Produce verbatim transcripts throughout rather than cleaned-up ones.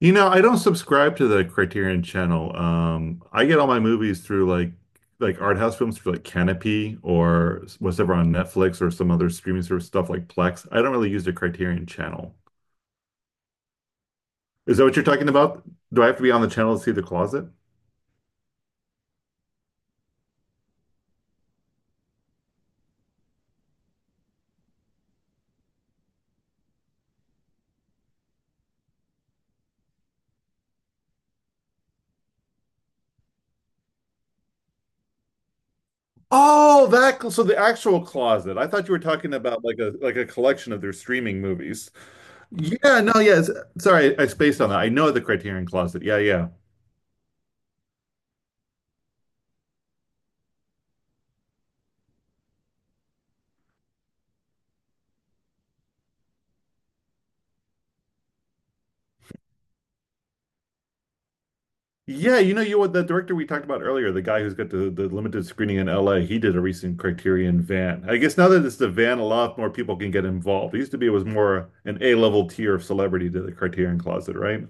You know, I don't subscribe to the Criterion Channel. Um, I get all my movies through like like art house films through like Canopy or whatever on Netflix or some other streaming service stuff like Plex. I don't really use the Criterion Channel. Is that what you're talking about? Do I have to be on the channel to see The Closet? Oh, that cl- so the actual closet. I thought you were talking about like a like a collection of their streaming movies. Yeah, no, yeah. it's- Sorry, I I spaced on that. I know the Criterion Closet. Yeah, yeah. Yeah, you know you what the director we talked about earlier, the guy who's got the, the limited screening in L A, he did a recent Criterion van. I guess now that it's the van, a lot more people can get involved. It used to be it was more an A-level tier of celebrity to the Criterion Closet, right?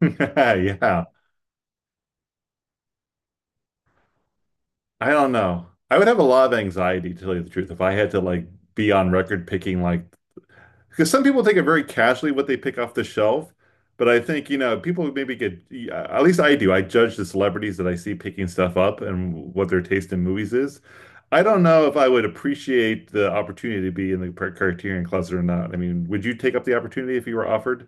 Yeah. I don't know. I would have a lot of anxiety to tell you the truth if I had to like be on record picking like because some people take it very casually what they pick off the shelf, but I think, you know, people maybe get, yeah, at least I do, I judge the celebrities that I see picking stuff up and what their taste in movies is. I don't know if I would appreciate the opportunity to be in the Criterion Closet or not. I mean, would you take up the opportunity if you were offered?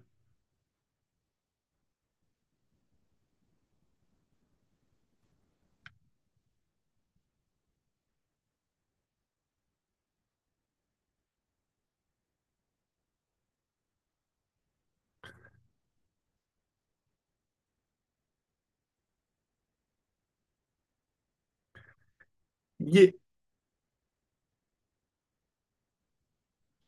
Yeah.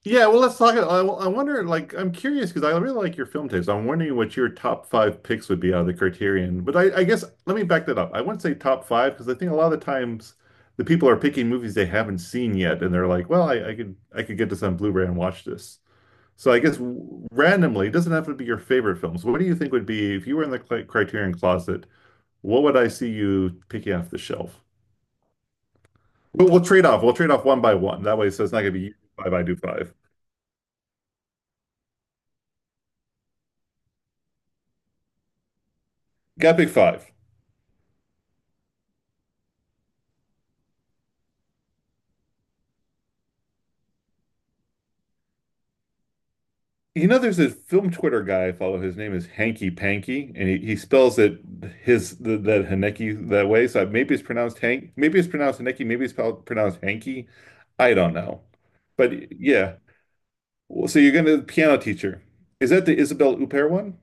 Yeah, well, let's talk. I, I wonder, like, I'm curious because I really like your film taste. I'm wondering what your top five picks would be out of the Criterion. But I, I guess let me back that up. I wouldn't say top five because I think a lot of the times the people are picking movies they haven't seen yet, and they're like, "Well, I, I could I could get this on Blu-ray and watch this." So I guess w- randomly, it doesn't have to be your favorite films. What do you think would be if you were in the cli- Criterion closet? What would I see you picking off the shelf? We'll, we'll trade off. We'll trade off one by one. That way, so it's not going to be you do five, I do five. Got to pick five. You know, there's this film Twitter guy I follow. His name is Hanky Panky, and he, he spells it his the, that Haneki that way. So maybe it's pronounced Hank, maybe it's pronounced Haneki, maybe it's spelled- pronounced Hanky. I don't know, but yeah. Well, so you're gonna piano teacher. Is that the Isabel Huppert one?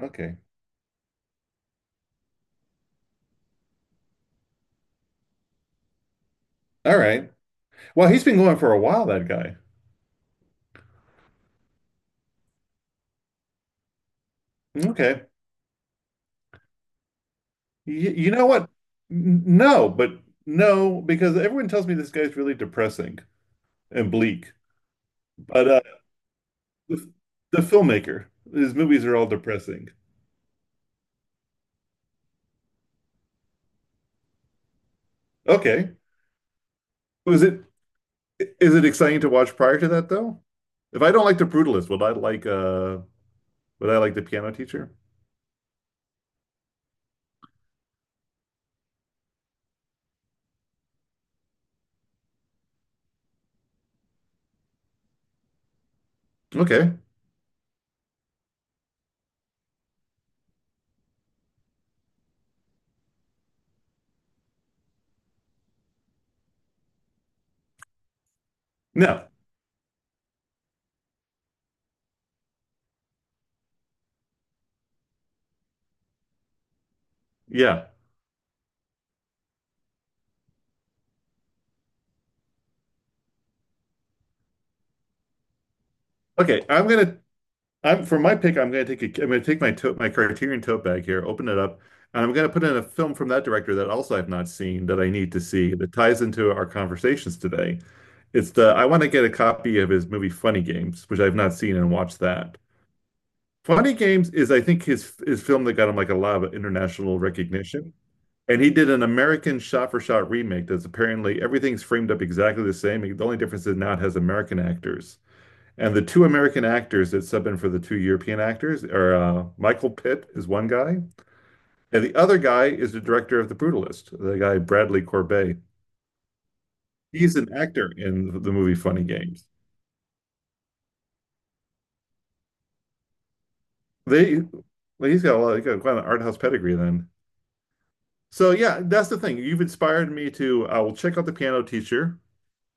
Okay, all right. Well, he's been going for a while. That guy. Okay. Y You know what? N- No, but no, because everyone tells me this guy's really depressing and bleak. But uh, The, the filmmaker. His movies are all depressing. Okay. Was it is it exciting to watch prior to that though? If I don't like The Brutalist, would I like uh would I like The Piano Teacher? Okay. No. Yeah. Okay. I'm gonna I'm for my pick. I'm going to take a, I'm going to take my tote, my Criterion tote bag here, open it up, and I'm going to put in a film from that director that also I've not seen that I need to see that ties into our conversations today. It's the I want to get a copy of his movie Funny Games, which I've not seen and watch that. Funny Games is I think his his film that got him like a lot of international recognition. And he did an American shot-for-shot remake that's apparently everything's framed up exactly the same. The only difference is now it has American actors. And the two American actors that sub in for the two European actors are uh, Michael Pitt is one guy, and the other guy is the director of The Brutalist, the guy Bradley Corbet. He's an actor in the movie Funny Games. They, well, he's got a lot, he's got quite an art house pedigree then. So yeah, that's the thing. You've inspired me to. I will check out the Piano Teacher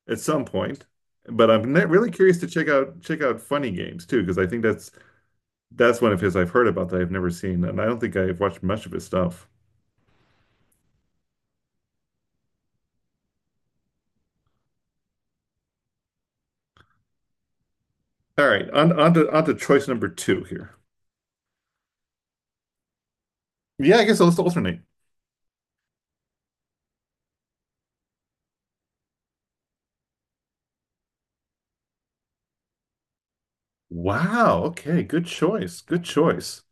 at some point, but I'm ne- really curious to check out check out Funny Games too because I think that's that's one of his I've heard about that I've never seen, and I don't think I've watched much of his stuff. All right, on on to on to choice number two here. Yeah, I guess let's alternate. Wow, okay, good choice. Good choice.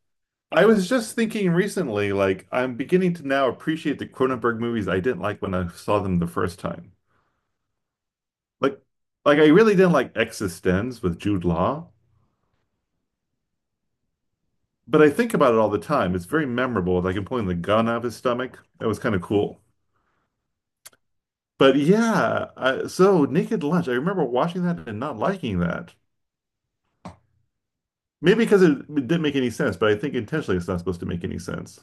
I was just thinking recently, like I'm beginning to now appreciate the Cronenberg movies I didn't like when I saw them the first time. Like like I really didn't like Existenz with Jude Law, but I think about it all the time. It's very memorable, like him pulling the gun out of his stomach. That was kind of cool. But yeah, I, so Naked Lunch, I remember watching that and not liking that. Maybe because it, it didn't make any sense, but I think intentionally it's not supposed to make any sense.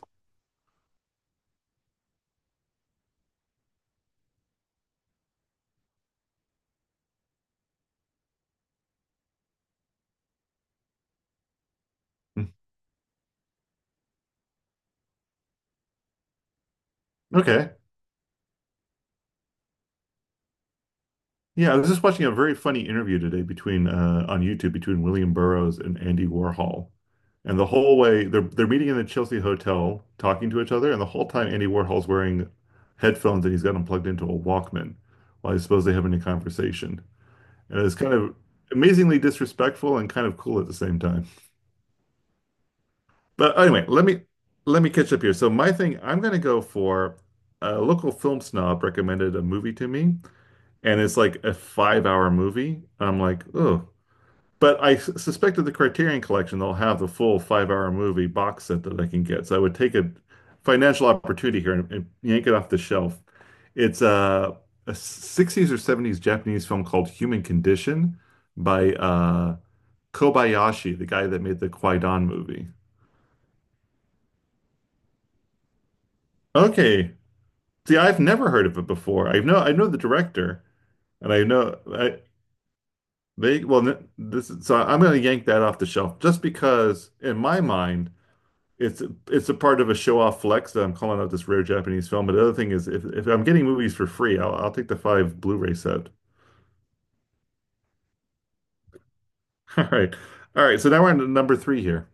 Mm. Okay. Yeah, I was just watching a very funny interview today between uh, on YouTube between William Burroughs and Andy Warhol. And the whole way they're they're meeting in the Chelsea hotel, talking to each other, and the whole time Andy Warhol's wearing headphones and he's got them plugged into a Walkman while he's supposedly having a conversation. And it's kind of amazingly disrespectful and kind of cool at the same time. But anyway, let me let me catch up here. So my thing, I'm gonna go for a local film snob recommended a movie to me, and it's like a five hour movie. I'm like, oh. But I s- suspect that the Criterion Collection they'll have the full five hour movie box set that I can get. So I would take a financial opportunity here and, and yank it off the shelf. It's a, a sixties or seventies Japanese film called Human Condition by uh, Kobayashi, the guy that made the Kwaidan movie. Okay, see, I've never heard of it before. I know I know the director, and I know I they well n- this is, so I'm going to yank that off the shelf just because in my mind it's it's a part of a show-off flex that I'm calling out this rare Japanese film. But the other thing is if if I'm getting movies for free, I'll I'll take the five Blu-ray set. All right. All right, so now we're on to number three here.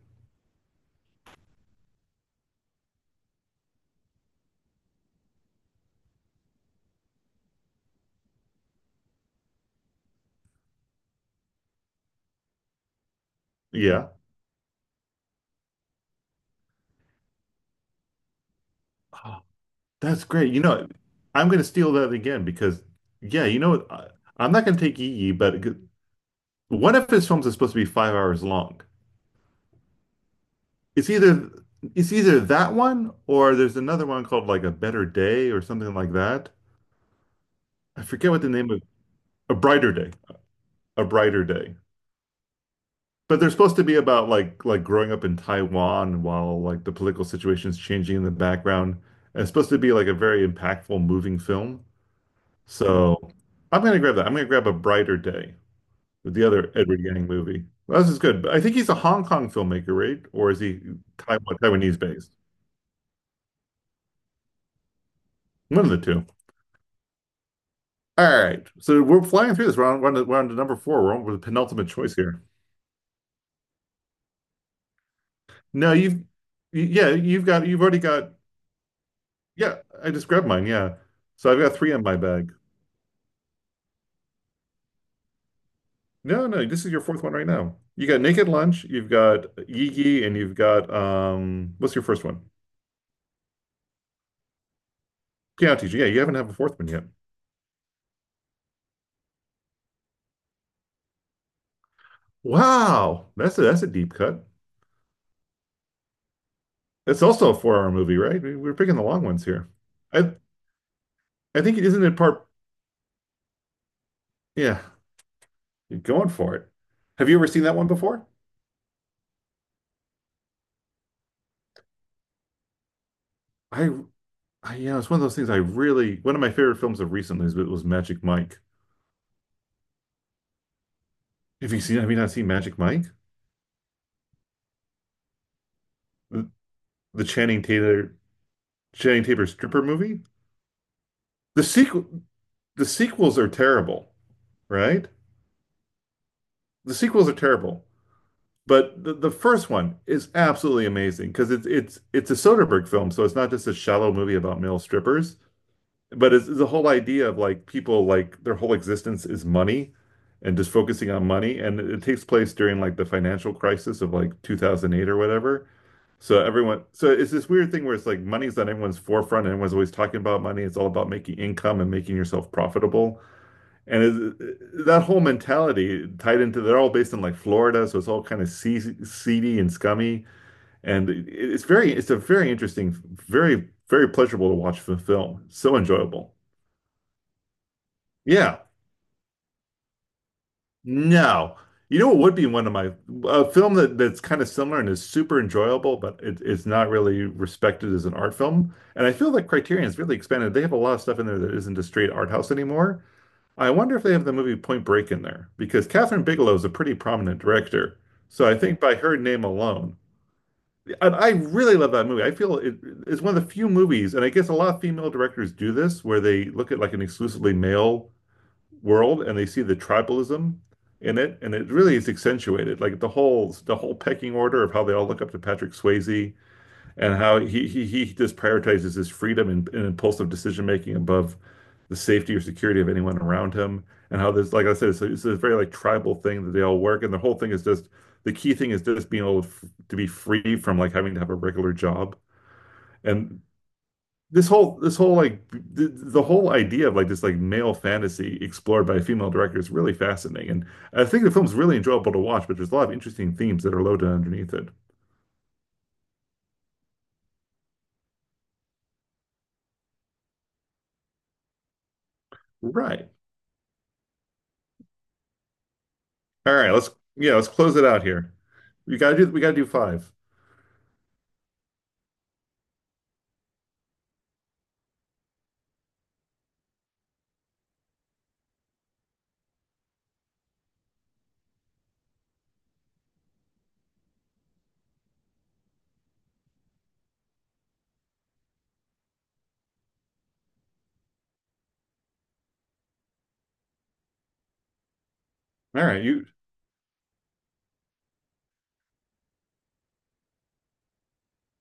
Yeah. Oh, that's great. You know, I'm going to steal that again because yeah, you know I, I'm not going to take Yi Yi, but one of his films is supposed to be five hours long. It's either it's either that one or there's another one called like A Better Day or something like that. I forget what the name of A Brighter Day. A Brighter Day. But they're supposed to be about like like growing up in Taiwan while like the political situation's changing in the background. And it's supposed to be like a very impactful, moving film. So I'm gonna grab that. I'm gonna grab A Brighter Day with the other Edward Yang movie. Well, this is good. But I think he's a Hong Kong filmmaker, right? Or is he Taiwan, Taiwanese based? One of the two. All right, so we're flying through this. We're on, we're on to, we're on to number four. We're on with the penultimate choice here. No, you've, y- yeah, you've got, you've already got, yeah, I just grabbed mine. Yeah. So I've got three in my bag. No, no, this is your fourth one right now. You got Naked Lunch, you've got Yigi, and you've got, um, what's your first one? Piano Teacher. Yeah, you haven't had a fourth one yet. Wow. That's a, that's a deep cut. It's also a four-hour movie, right? We- We're picking the long ones here. I, I think, it not it part, yeah, you're going for it. Have you ever seen that one before? I I, you know, it's one of those things I really, one of my favorite films of recently is, was Magic Mike. Have you seen, have you not seen Magic Mike? The, the Channing Tatum, Channing Tatum stripper movie? The sequel, the sequels are terrible, right? The sequels are terrible, but the, the first one is absolutely amazing because it's it's it's a Soderbergh film, so it's not just a shallow movie about male strippers. But it's, it's the whole idea of like people like their whole existence is money and just focusing on money. And it, it takes place during like the financial crisis of like two thousand eight or whatever. So everyone, so it's this weird thing where it's like money's on everyone's forefront and everyone's always talking about money. It's all about making income and making yourself profitable. And it, that whole mentality tied into, they're all based in like Florida. So it's all kind of seedy seedy and scummy. And it- it's very, it's a very interesting, very, very pleasurable to watch the film. So enjoyable. Yeah. No. You know what would be one of my a film that that's kind of similar and is super enjoyable, but it, it's not really respected as an art film. And I feel that Criterion's really expanded. They have a lot of stuff in there that isn't a straight art house anymore. I wonder if they have the movie Point Break in there because Catherine Bigelow is a pretty prominent director. So I think by her name alone, I, I really love that movie. I feel it, it's one of the few movies, and I guess a lot of female directors do this, where they look at like an exclusively male world and they see the tribalism in it, and it really is accentuated. Like the whole the whole pecking order of how they all look up to Patrick Swayze and how he he he just prioritizes his freedom and, and impulsive decision making above the safety or security of anyone around him, and how this, like I said, it's, a- it's a very like tribal thing that they all work, and the whole thing is just the key thing is just being able to be free from like having to have a regular job. And this whole this whole like the, the whole idea of like this like male fantasy explored by a female director is really fascinating, and I think the film's really enjoyable to watch, but there's a lot of interesting themes that are loaded underneath it. Right. all right let's Yeah, let's close it out here. We gotta do we gotta do five. All right. You,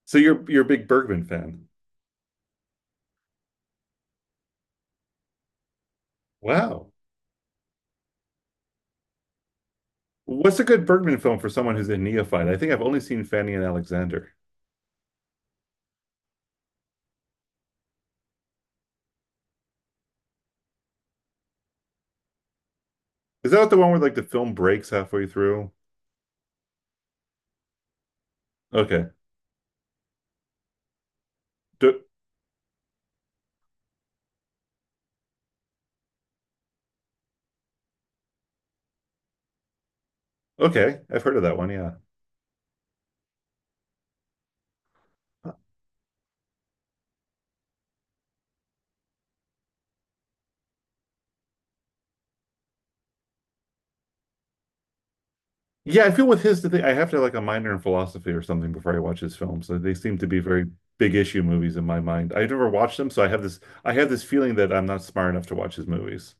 so you're you're a big Bergman fan. Wow. What's a good Bergman film for someone who's a neophyte? I think I've only seen Fanny and Alexander. Is that the one where like the film breaks halfway through? Okay. do, okay, I've heard of that one. Yeah. Yeah, I feel with his the thing, I have to have like a minor in philosophy or something before I watch his films. So they seem to be very big issue movies in my mind. I never watched them, so I have this I have this feeling that I'm not smart enough to watch his movies.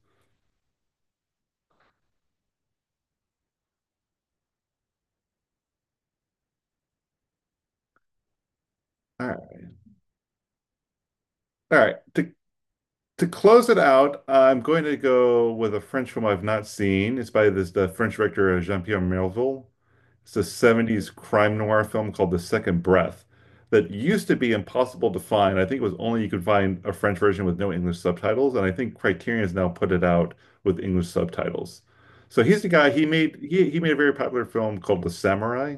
All right. All right. To to close it out, I'm going to go with a French film I've not seen. It's by this the French director uh, Jean-Pierre Melville. It's a seventies crime noir film called The Second Breath that used to be impossible to find. I think it was only you could find a French version with no English subtitles, and I think Criterion's now put it out with English subtitles. So he's the guy, he made he, he made a very popular film called The Samurai.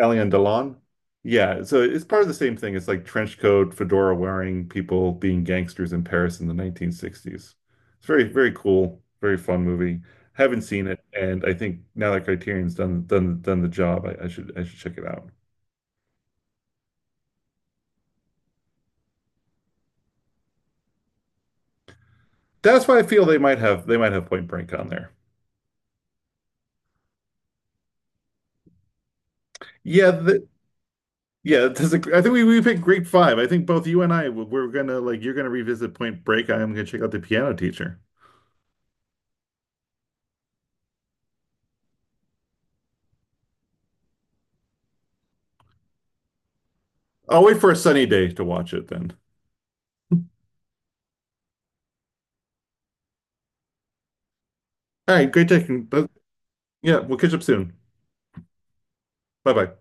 Alien Delon. Yeah, so it's part of the same thing. It's like trench coat, fedora wearing people being gangsters in Paris in the nineteen sixties. It's very, very cool, very fun movie. Haven't seen it, and I think now that Criterion's done done done the job, I, I should I should check it out. That's why I feel they might have they might have Point Break on there. Yeah, the, yeah. That's a, I think we we picked Great Five. I think both you and I we- we're gonna like you're gonna revisit Point Break. I am gonna check out The Piano Teacher. I'll wait for a sunny day to watch it then. All right, great taking. Yeah, we'll catch up soon. Bye bye.